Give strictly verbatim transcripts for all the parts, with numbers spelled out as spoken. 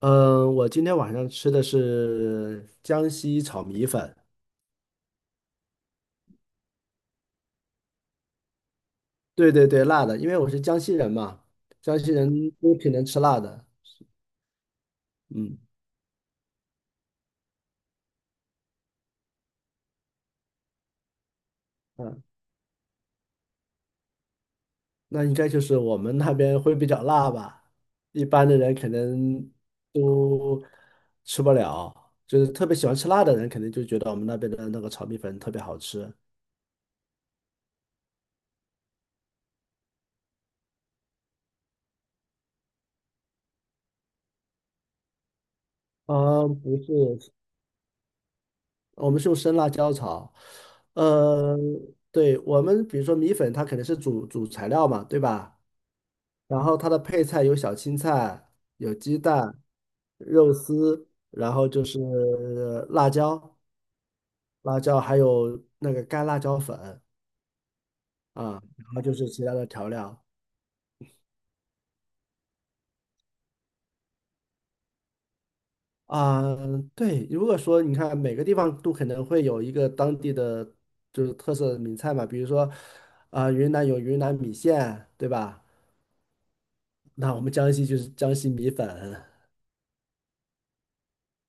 嗯，我今天晚上吃的是江西炒米粉，对对对，辣的，因为我是江西人嘛，江西人都挺能吃辣的。嗯嗯，那应该就是我们那边会比较辣吧，一般的人可能都吃不了，就是特别喜欢吃辣的人，肯定就觉得我们那边的那个炒米粉特别好吃。啊，不是，我们是用生辣椒炒。呃，对，我们比如说米粉，它肯定是主主材料嘛，对吧？然后它的配菜有小青菜、有鸡蛋、肉丝，然后就是辣椒、辣椒，还有那个干辣椒粉啊，然后就是其他的调料啊。对，如果说你看每个地方都可能会有一个当地的就是特色的名菜嘛，比如说啊，云南有云南米线，对吧？那我们江西就是江西米粉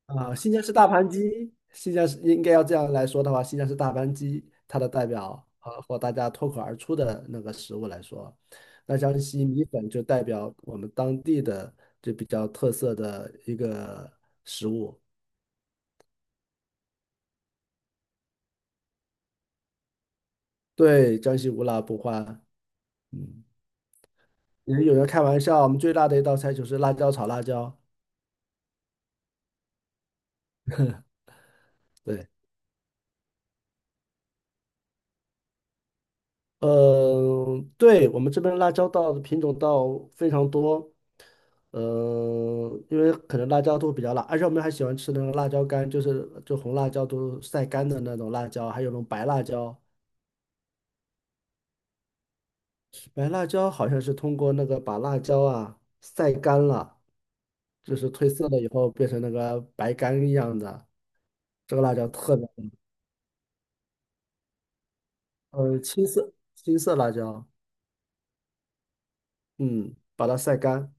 啊，新疆是大盘鸡，新疆是应该要这样来说的话，新疆是大盘鸡，它的代表啊，或大家脱口而出的那个食物来说，那江西米粉就代表我们当地的就比较特色的一个食物。对，江西无辣不欢。嗯，也有人开玩笑，我们最辣的一道菜就是辣椒炒辣椒。对，嗯，对，我们这边辣椒稻的品种稻非常多，嗯，因为可能辣椒都比较辣，而且我们还喜欢吃那种辣椒干，就是就红辣椒都晒干的那种辣椒，还有那种白辣椒，白辣椒好像是通过那个把辣椒啊晒干了，就是褪色了以后变成那个白干一样的，这个辣椒特别，嗯，青色青色辣椒，嗯，把它晒干，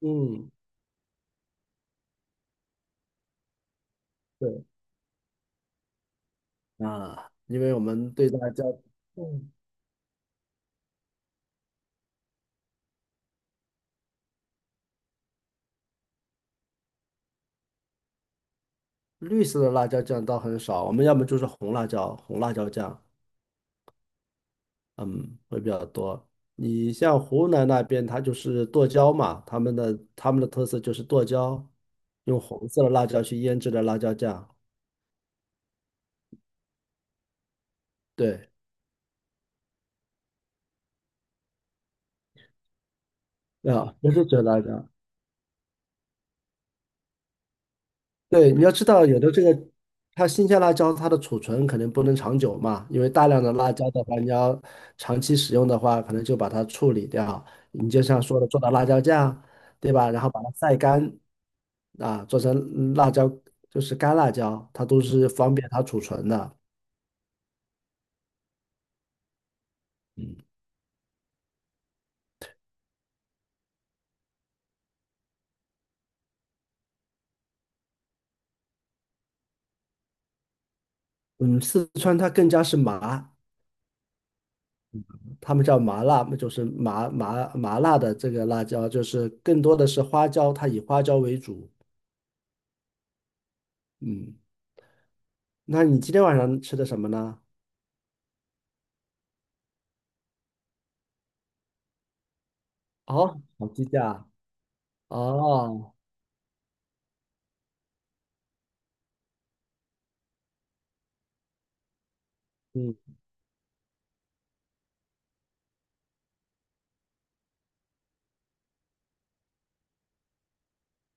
嗯。对。啊，因为我们对辣椒，嗯，绿色的辣椒酱倒很少，我们要么就是红辣椒，红辣椒酱，嗯，会比较多。你像湖南那边，它就是剁椒嘛，他们的他们的特色就是剁椒，用红色的辣椒去腌制的辣椒酱，对，啊，不是卷辣椒，对，你要知道，有的这个它新鲜辣椒，它的储存可能不能长久嘛，因为大量的辣椒的话，你要长期使用的话，可能就把它处理掉。你就像说的，做到辣椒酱，对吧？然后把它晒干，啊，做成辣椒，就是干辣椒，它都是方便它储存的。嗯，嗯四川它更加是麻，他们叫麻辣，就是麻麻麻辣的这个辣椒，就是更多的是花椒，它以花椒为主。嗯。那你今天晚上吃的什么呢？哦，烤鸡架，哦，嗯，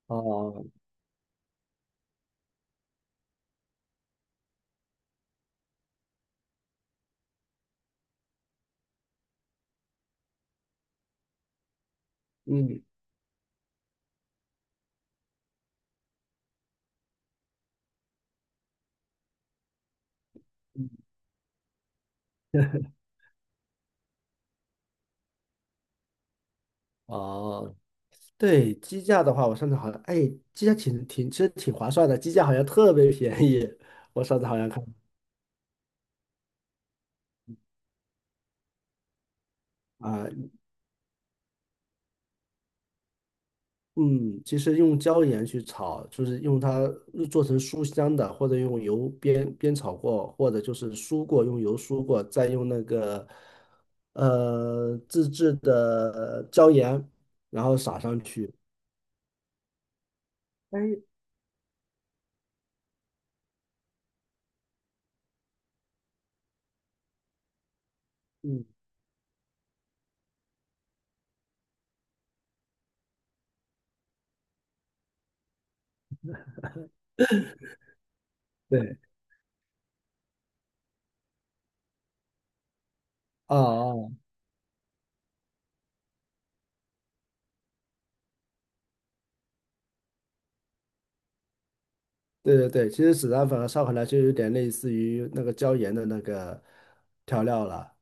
哦，嗯，哦，对，鸡架的话，我上次好像，哎，鸡架挺挺其实挺划算的，鸡架好像特别便宜。我上次好像看啊，嗯，其实用椒盐去炒，就是用它做成酥香的，或者用油煸煸炒过，或者就是酥过，用油酥过，再用那个呃自制的椒盐，然后撒上去。哎，嗯，对，啊哦，对对对，其实孜然粉和烧烤来就有点类似于那个椒盐的那个调料了，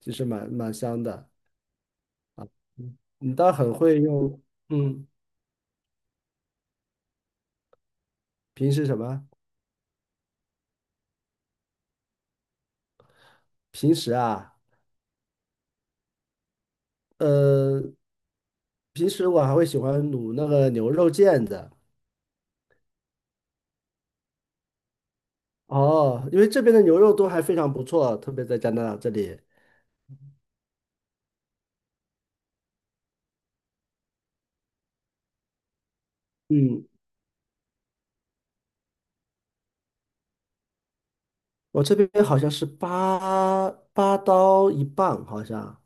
其实蛮蛮香的。嗯你倒很会用，嗯，平时什么？平时啊，呃，平时我还会喜欢卤那个牛肉腱子。哦，因为这边的牛肉都还非常不错，特别在加拿大这里。嗯，我这边好像是八八刀一磅，好像。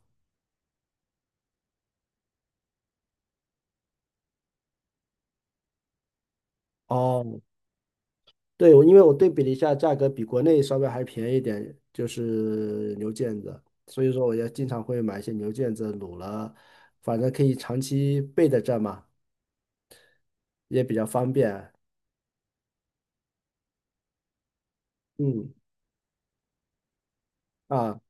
哦，对，我因为我对比了一下，价格比国内稍微还便宜一点，就是牛腱子，所以说我也经常会买一些牛腱子卤了，反正可以长期备在这儿嘛，也比较方便。嗯，啊，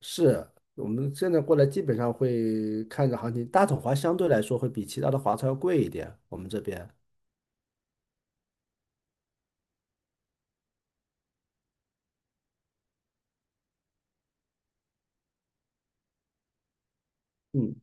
是我们现在过来基本上会看着行情，大统华相对来说会比其他的华超要贵一点，我们这边。嗯，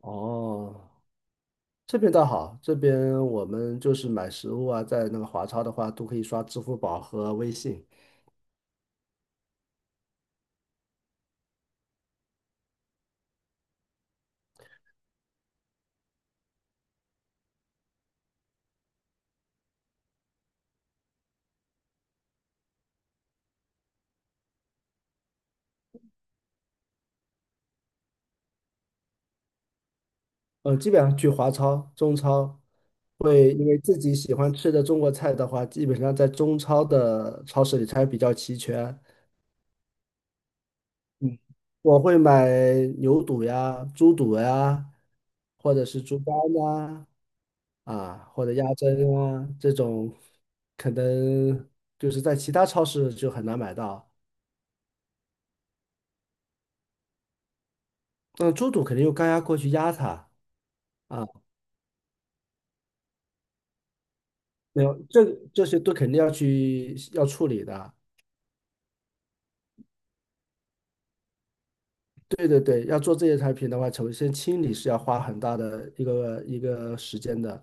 哦，这边倒好，这边我们就是买食物啊，在那个华超的话都可以刷支付宝和微信。呃，基本上去华超、中超，会因为自己喜欢吃的中国菜的话，基本上在中超的超市里才比较齐全。嗯，我会买牛肚呀、猪肚呀，或者是猪肝呐、啊，或者鸭胗啊，这种可能就是在其他超市就很难买到。那猪肚肯定用高压锅去压它啊，没有，这这些都肯定要去要处理的，对对对，要做这些产品的话，首先清理是要花很大的一个一个时间的。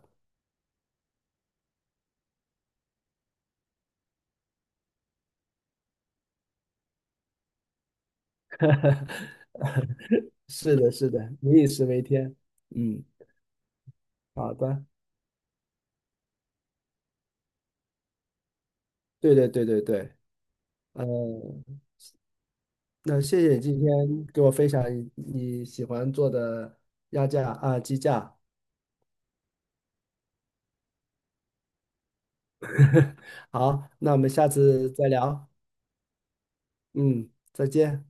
是的，是的，民以食为天。嗯，好的，对对对对对，呃，那谢谢你今天给我分享你你喜欢做的鸭架啊，鸡架。好，那我们下次再聊。嗯，再见。